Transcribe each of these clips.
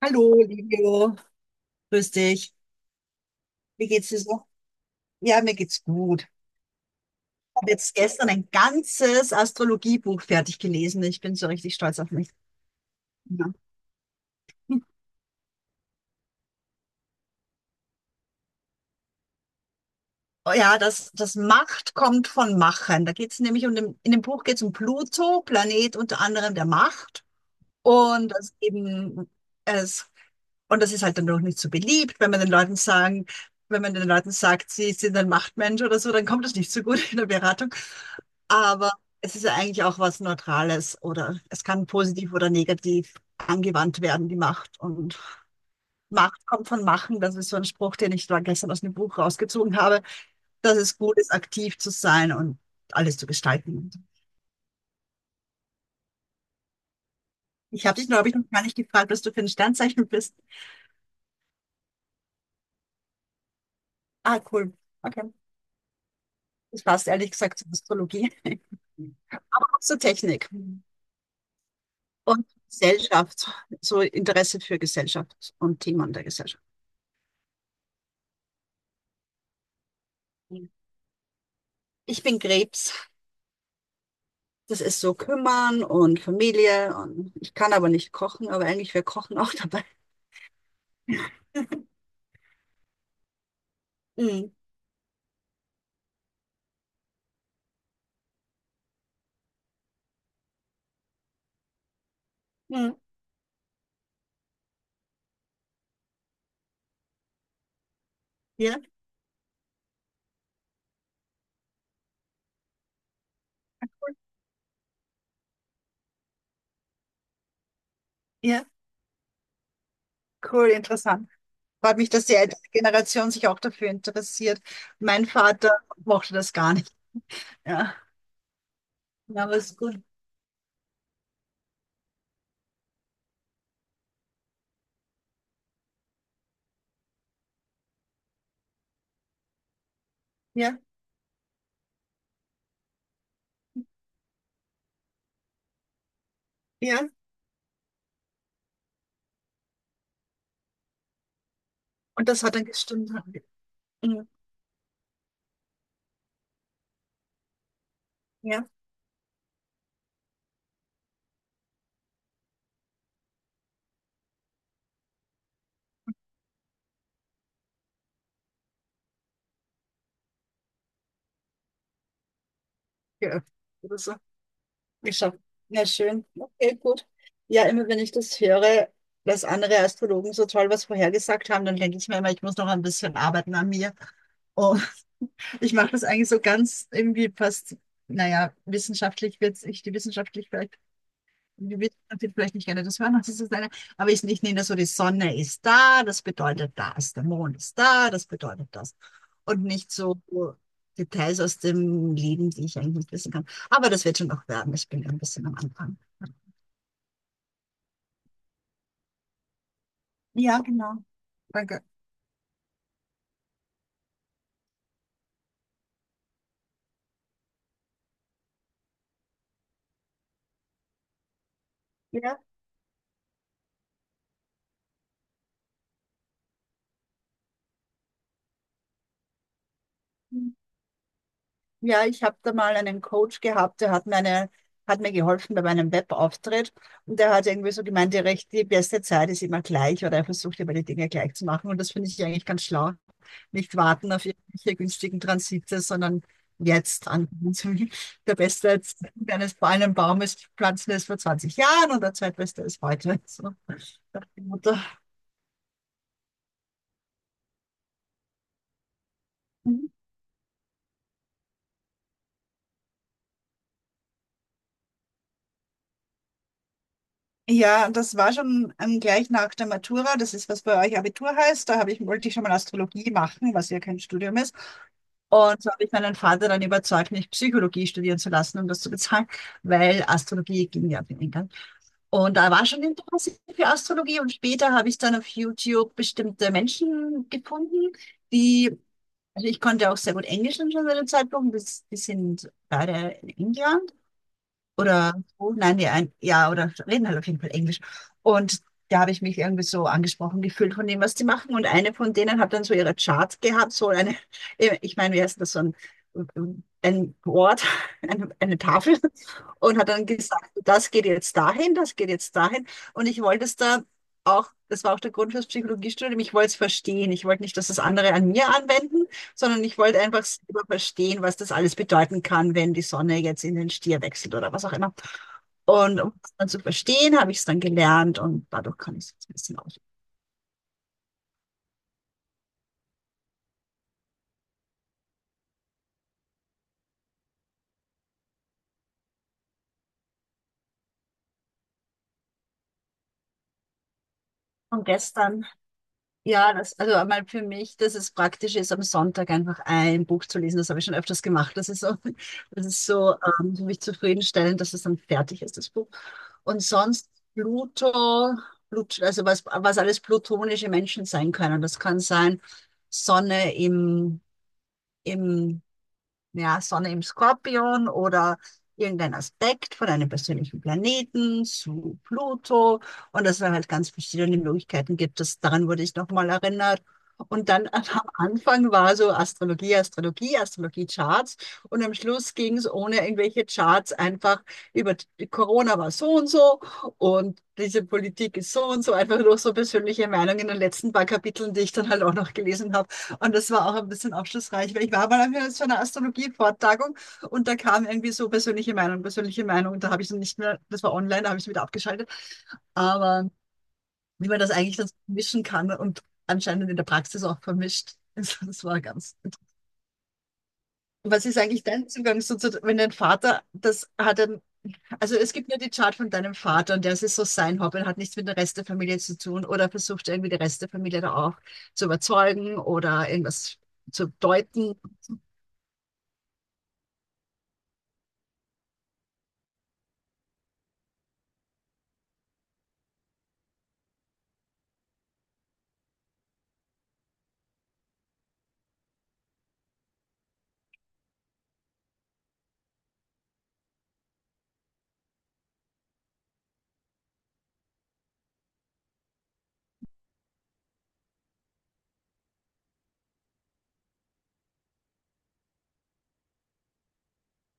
Hallo, Livio. Grüß dich. Wie geht's dir so? Ja, mir geht's gut. Ich habe jetzt gestern ein ganzes Astrologiebuch fertig gelesen. Ich bin so richtig stolz auf mich. Ja, oh ja das Macht kommt von Machen. Da geht's in dem Buch geht's um Pluto, Planet unter anderem der Macht. Und dass eben es, und das ist halt dann doch nicht so beliebt, wenn man den Leuten sagen, wenn man den Leuten sagt, sie sind ein Machtmensch oder so, dann kommt das nicht so gut in der Beratung. Aber es ist ja eigentlich auch was Neutrales, oder es kann positiv oder negativ angewandt werden, die Macht. Und Macht kommt von Machen. Das ist so ein Spruch, den ich da gestern aus dem Buch rausgezogen habe, dass es gut ist, aktiv zu sein und alles zu gestalten. Ich habe dich, glaube ich, noch gar nicht gefragt, was du für ein Sternzeichen bist. Ah, cool. Okay. Das passt ehrlich gesagt zur Astrologie, zur Technik und Gesellschaft, so Interesse für Gesellschaft und Themen der Gesellschaft. Ich bin Krebs. Das ist so kümmern und Familie, und ich kann aber nicht kochen, aber eigentlich wäre Kochen auch dabei. Mhm. Mhm. Ja, ja, cool, interessant. Freut mich, dass die ältere Generation sich auch dafür interessiert. Mein Vater mochte das gar nicht. Ja, ja, aber es ist gut. Ja, ja. Und das hat dann gestimmt. Mhm. Ja. Ja, oder so. Ich sag, na schön, okay, gut. Ja, immer wenn ich das höre, dass andere Astrologen so toll was vorhergesagt haben, dann denke ich mir immer, ich muss noch ein bisschen arbeiten an mir. Und ich mache das eigentlich so ganz irgendwie fast, naja, wissenschaftlich wird es, ich die wissenschaftlich vielleicht die wissen natürlich vielleicht nicht gerne das hören, was ist das eine, aber ich nehme das so, die Sonne ist da, das bedeutet das, der Mond ist da, das bedeutet das. Und nicht so Details aus dem Leben, die ich eigentlich nicht wissen kann. Aber das wird schon noch werden, ich bin ein bisschen am Anfang. Ja, genau. Danke. Ja, ja, ich habe da mal einen Coach gehabt, hat mir geholfen bei meinem Webauftritt, und der hat irgendwie so gemeint, die beste Zeit ist immer gleich, oder er versucht immer die Dinge gleich zu machen, und das finde ich eigentlich ganz schlau. Nicht warten auf irgendwelche günstigen Transite, sondern jetzt anfangen. Der Beste jetzt eines fallenden Baumes pflanzen ist vor 20 Jahren, und der zweitbeste ist heute. So. Nach ja, das war schon gleich nach der Matura. Das ist, was bei euch Abitur heißt. Da habe ich, wollte ich schon mal Astrologie machen, was ja kein Studium ist. Und so habe ich meinen Vater dann überzeugt, mich Psychologie studieren zu lassen, um das zu bezahlen, weil Astrologie ging ja auf den England. Und da war schon Interesse für Astrologie, und später habe ich dann auf YouTube bestimmte Menschen gefunden, die, also ich konnte auch sehr gut Englisch schon zu dem Zeitpunkt, das, die sind beide in England oder so, nein, nee, ein, ja, oder reden halt auf jeden Fall Englisch. Und da habe ich mich irgendwie so angesprochen gefühlt von dem, was die machen. Und eine von denen hat dann so ihre Charts gehabt, so eine, ich meine, wie heißt das, so ein Board, eine Tafel. Und hat dann gesagt, das geht jetzt dahin, das geht jetzt dahin. Und ich wollte es da auch, das war auch der Grund fürs Psychologiestudium, ich wollte es verstehen. Ich wollte nicht, dass das andere an mir anwenden, sondern ich wollte einfach selber verstehen, was das alles bedeuten kann, wenn die Sonne jetzt in den Stier wechselt oder was auch immer. Und um das dann zu verstehen, habe ich es dann gelernt, und dadurch kann ich es jetzt ein bisschen aus. Und gestern, ja, das, also einmal für mich, dass es praktisch ist, am Sonntag einfach ein Buch zu lesen. Das habe ich schon öfters gemacht. Das ist so für mich zufriedenstellend, dass es dann fertig ist, das Buch. Und sonst Pluto, Plut, also was, was alles plutonische Menschen sein können. Das kann sein Sonne im im, ja, Sonne im Skorpion oder irgendein Aspekt von einem persönlichen Planeten zu Pluto, und dass es halt ganz verschiedene Möglichkeiten gibt. Das, daran wurde ich nochmal erinnert. Und dann am Anfang war so Astrologie, Astrologie, Astrologie-Charts, und am Schluss ging es ohne irgendwelche Charts einfach über die- Corona war so und so, und diese Politik ist so und so, einfach nur so persönliche Meinungen in den letzten paar Kapiteln, die ich dann halt auch noch gelesen habe. Und das war auch ein bisschen aufschlussreich, weil ich war mal auf so einer Astrologie-Vortragung, und da kam irgendwie so persönliche Meinung, persönliche Meinung. Da habe ich dann nicht mehr, das war online, da habe ich es wieder abgeschaltet. Aber wie man das eigentlich dann mischen kann und anscheinend in der Praxis auch vermischt. Also das war ganz cool. Was ist eigentlich dein Zugang so zu, wenn dein Vater, das hat dann, also es gibt nur die Chart von deinem Vater, und der ist so sein Hobby, hat nichts mit der Rest der Familie zu tun, oder versucht irgendwie die Rest der Familie da auch zu überzeugen oder irgendwas zu deuten.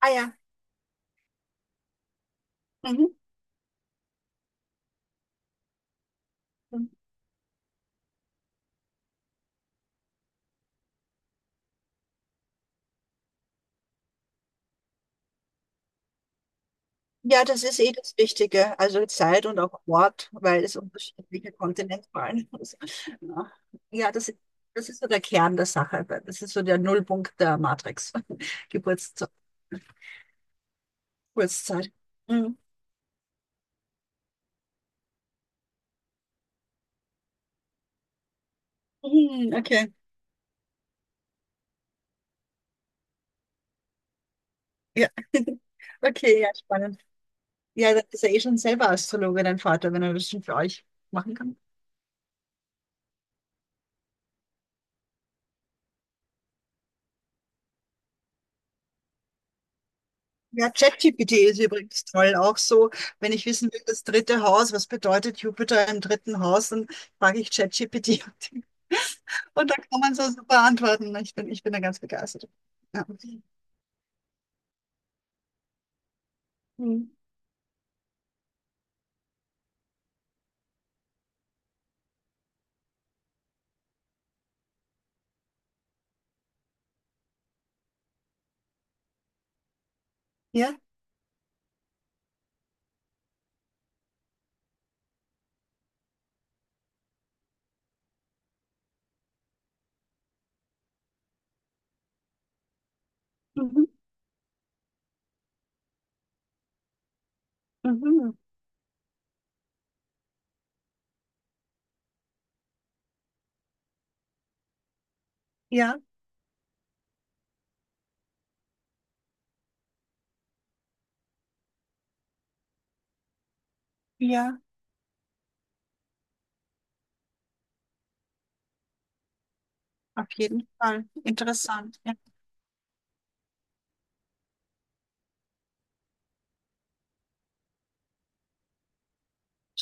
Ah ja. Mhm. Ja, das ist eh das Wichtige. Also Zeit und auch Ort, weil es unterschiedliche Kontinente waren. Muss. Ja, ja, das ist so der Kern der Sache. Das ist so der Nullpunkt der Matrix. Geburtszeit. Geburtszeit. Mhm. Mhm, okay. Ja. Okay, ja, spannend. Ja, das ist ja eh schon selber Astrologe, dein Vater, wenn er das schon für euch machen kann. Ja, ChatGPT ist übrigens toll. Auch so, wenn ich wissen will, das dritte Haus, was bedeutet Jupiter im dritten Haus, dann frage ich ChatGPT. Und da kann man so super antworten. Ich bin da ganz begeistert. Ja. Mhm. Ja. Mhm. Mhm. Ja, ja, auf jeden Fall. Interessant. Ja.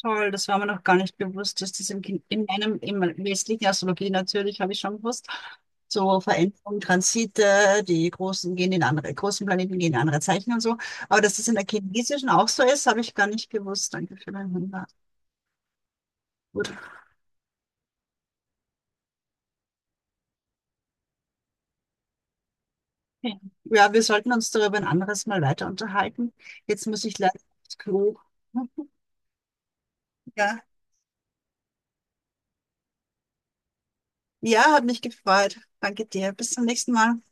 Toll, das war mir noch gar nicht bewusst, dass das im, Kin- in meinem, im westlichen Astrologie natürlich, habe ich schon gewusst, so Veränderungen, Transite, die großen gehen in andere, großen Planeten gehen in andere Zeichen und so. Aber dass das in der chinesischen auch so ist, habe ich gar nicht gewusst. Danke für deinen Hinweis. Gut. Okay. Ja, wir sollten uns darüber ein anderes Mal weiter unterhalten. Jetzt muss ich leider aufs Klo. Ja, ja, hat mich gefreut. Danke dir. Bis zum nächsten Mal.